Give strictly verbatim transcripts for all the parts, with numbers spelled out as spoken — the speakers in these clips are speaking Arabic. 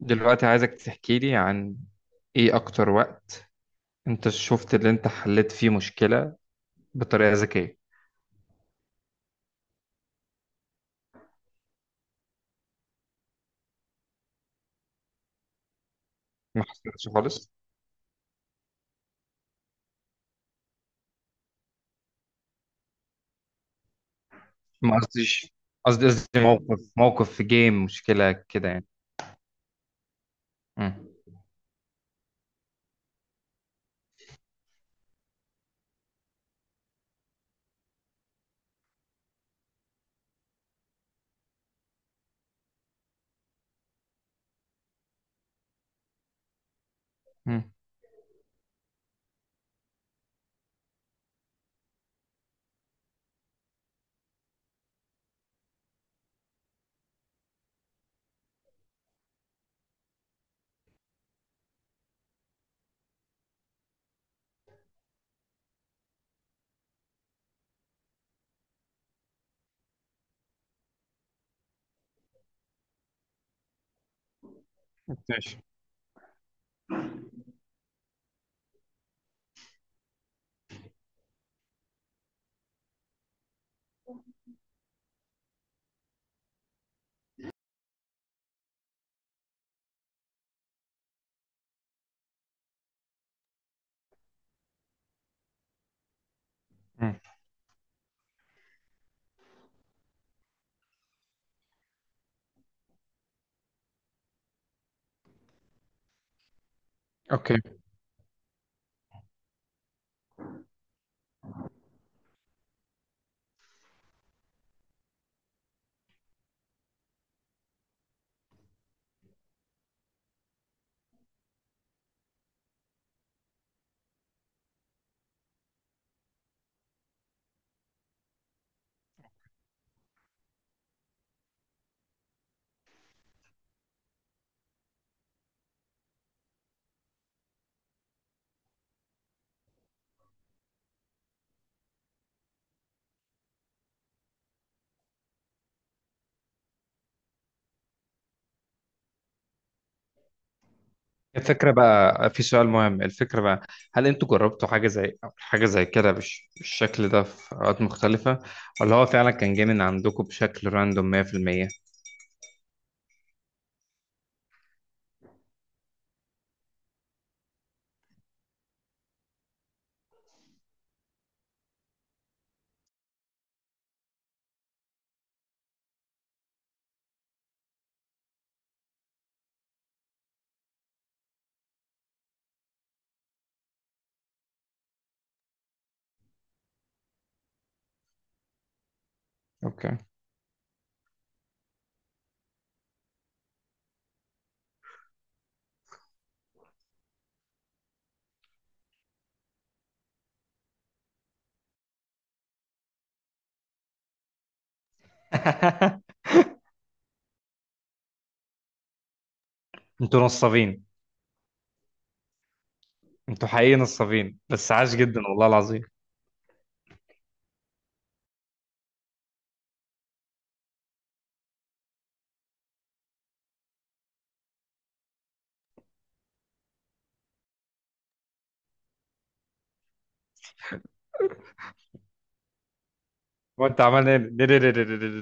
دلوقتي عايزك تحكي لي عن ايه اكتر وقت انت شفت اللي انت حليت فيه مشكلة بطريقة ذكية. ما حصلتش خالص. ما قصديش، قصدي قصدي موقف موقف في جيم، مشكلة كده يعني. مم. مم. ماشي. مم. اوكي. الفكرة بقى، في سؤال مهم. الفكرة بقى هل انتوا جربتوا حاجة زي حاجة زي كده بش... بالشكل ده في اوقات مختلفة، ولا هو فعلا كان جاي من عندكم بشكل راندوم مية في المية؟ اوكي. انتوا نصابين، انتوا حقيقي نصابين، بس عاش جدا والله العظيم. هو انت عمال ايه؟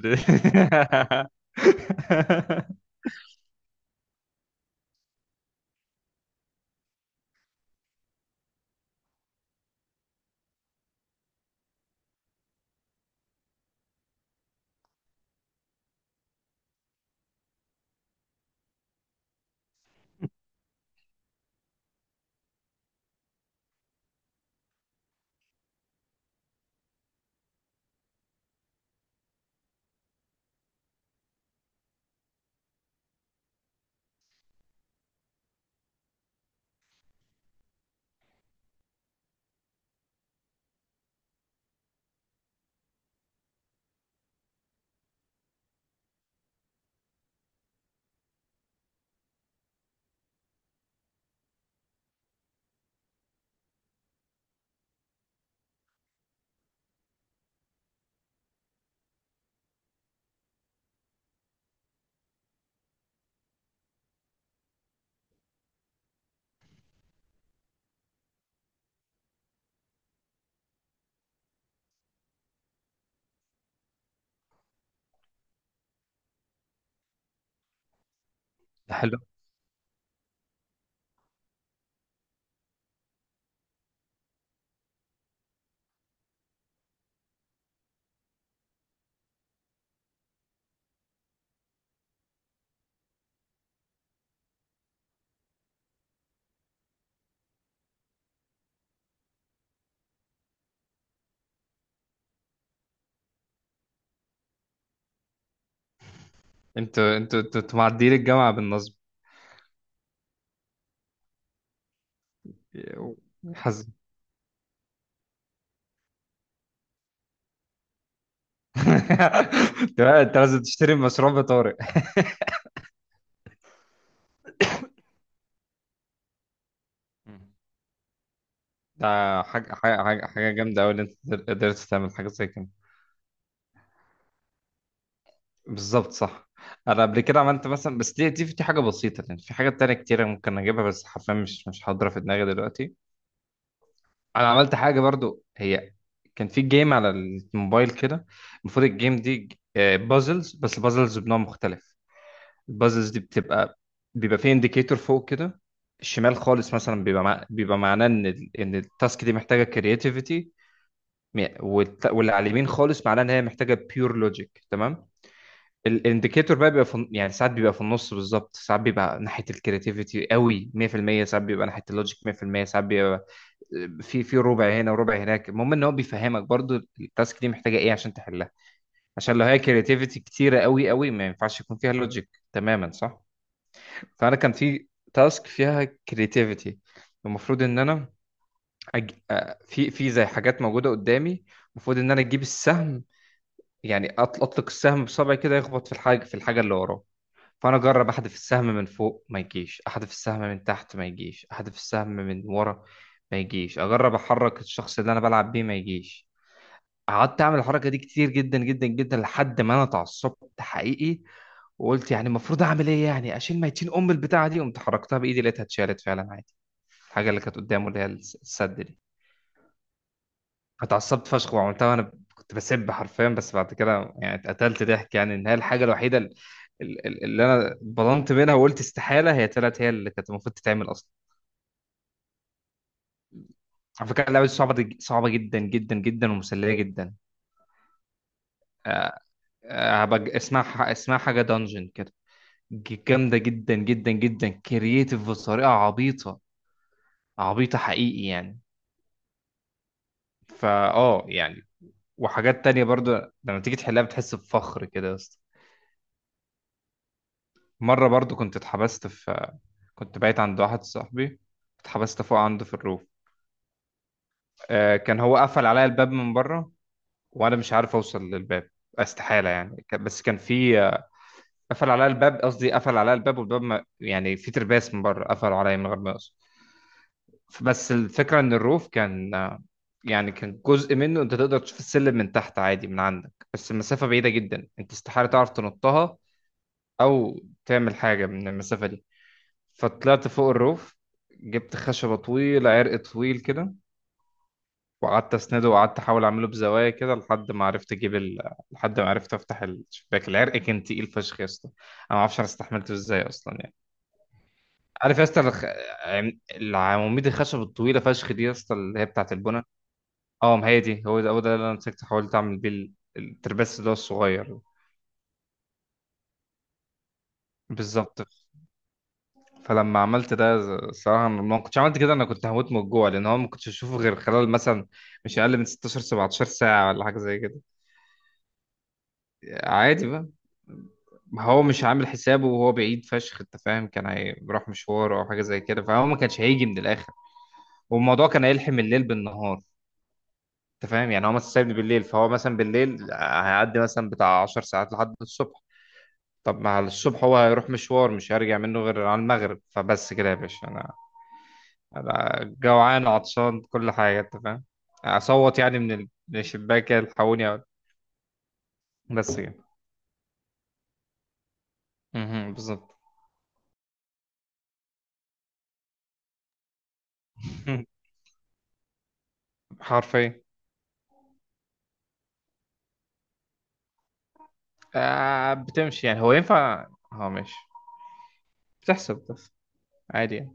ده حلو. انتوا انتوا انتوا انتوا معديين الجامعة بالنصب. حزن. انت بقى- انت لازم تشتري مشروع بطارق. ده حاجة حاجة حاجة حاجة جامدة أوي إن أنت قدرت قدرت تعمل حاجة زي كده. بالظبط صح. أنا قبل كده عملت مثلا، بس دي دي دي حاجة بسيطة، لأن في حاجات تانية كتيرة ممكن أجيبها بس حرفيا مش مش حاضرة في دماغي دلوقتي. انا عملت حاجه برضو، هي كان في جيم على الموبايل كده. المفروض الجيم دي بازلز، بس البازلز بنوع مختلف. البازلز دي بتبقى بيبقى في انديكيتور فوق كده. الشمال خالص مثلا بيبقى مع... بيبقى معناه ان ال- ان التاسك دي محتاجه كرياتيفيتي، واللي على اليمين خالص معناه ان هي محتاجه بيور لوجيك، تمام. الانديكيتور بقى بيبقى في... يعني ساعات بيبقى في النص بالظبط، ساعات بيبقى ناحيه الكرياتيفيتي قوي مية في المية، ساعات بيبقى ناحيه اللوجيك مية في المية، ساعات بيبقى في في ربع هنا وربع هناك. المهم ان هو بيفهمك برضو التاسك دي محتاجه ايه عشان تحلها، عشان لو هي كرياتيفيتي كتيره قوي قوي ما ينفعش يكون فيها لوجيك تماما، صح. فانا كان في تاسك فيها كرياتيفيتي، المفروض ان انا أج... آه، في في زي حاجات موجوده قدامي. المفروض ان انا اجيب السهم، يعني أط- اطلق السهم بصبعي كده يخبط في الحاجه في الحاجه اللي وراه. فانا اجرب احذف السهم من فوق ما يجيش، احذف السهم من تحت ما يجيش، احذف السهم من ورا ما يجيش، اجرب احرك الشخص اللي انا بلعب بيه ما يجيش. قعدت اعمل الحركه دي كتير جدا جدا جدا لحد ما انا اتعصبت حقيقي، وقلت يعني المفروض اعمل ايه يعني؟ اشيل ميتين ام البتاعه دي. قمت حركتها بايدي، لقيتها اتشالت فعلا عادي، الحاجه اللي كانت قدامه اللي هي الس- السد دي. اتعصبت فشخ وعملتها وانا ب- كنت بسب حرفيا، بس بعد كده يعني اتقتلت ضحك، يعني ان هي الحاجه الوحيده ال- ال- ال- اللي انا بضنت منها وقلت استحاله، هي طلعت هي اللي كانت المفروض تتعمل اصلا. على فكره اللعبه دي صعبه، دي- صعبه جدا جدا جدا ومسليه جدا. آه، هبقى اسمها، ح- اسمها حاجه دانجن كده. ج- جامده جدا جدا جدا، كرييتيف بطريقه عبيطه، عبيطه حقيقي يعني. فا اه يعني، وحاجات تانية برضو لما تيجي تحلها بتحس بفخر كده يا اسطى. مره برضو كنت اتحبست في، كنت بايت عند واحد صاحبي، اتحبست فوق عنده في الروف. آه، كان هو قفل عليا الباب من بره وانا مش عارف اوصل للباب، استحالة يعني ك- بس كان في آه، قفل عليا الباب، قصدي قفل عليا الباب، والباب ما يعني في ترباس من بره، قفلوا عليا من غير ما يقصد. بس الفكرة ان الروف كان، آه، يعني كان جزء منه انت تقدر تشوف السلم من تحت عادي من عندك، بس المسافة بعيدة جدا، انت استحالة تعرف تنطها او تعمل حاجة من المسافة دي. فطلعت فوق الروف، جبت خشبة طويلة، عرق طويل كده، وقعدت اسنده، وقعدت احاول اعمله بزوايا كده لحد ما عرفت اجيب ال... لحد ما عرفت افتح الشباك. العرق كان تقيل فشخ يا اسطى، انا ما اعرفش انا استحملته ازاي اصلا يعني. عارف يا اسطى الخ... عم- العواميد الخشب الطويلة فشخ دي يا اسطى، اللي هي بتاعت البنا. اه، ما هي دي، هو ده هو ده اللي انا مسكت، حاولت اعمل بيه ال- الترباس ده الصغير. بالظبط. فلما عملت ده، الصراحة أنا ما كنتش عملت كده، أنا كنت هموت من الجوع، لأن هو ما كنتش أشوفه غير خلال مثلا مش أقل من ستة عشر 17 ساعة ولا حاجة زي كده. عادي بقى. ما هو مش عامل حسابه وهو بعيد فشخ، أنت فاهم، كان هيروح مشوار أو حاجة زي كده، فهو ما كانش هيجي من الآخر، والموضوع كان هيلحم الليل بالنهار. أنت فاهم، يعني هو مثلا سابني بالليل، فهو مثلا بالليل هيعدي مثلا بتاع 10 ساعات لحد الصبح. طب، ما على الصبح هو هيروح مشوار مش هيرجع منه غير على المغرب، فبس كده يا باشا، أنا أبقى جوعان وعطشان كل حاجة، أنت فاهم. أصوت يعني من ال- من الشباك كده تحولني. بس كده. مهم. بالظبط. حرفيا. آه، بتمشي يعني، هو ينفع، هو ماشي، بتحسب بس، عادي يعني.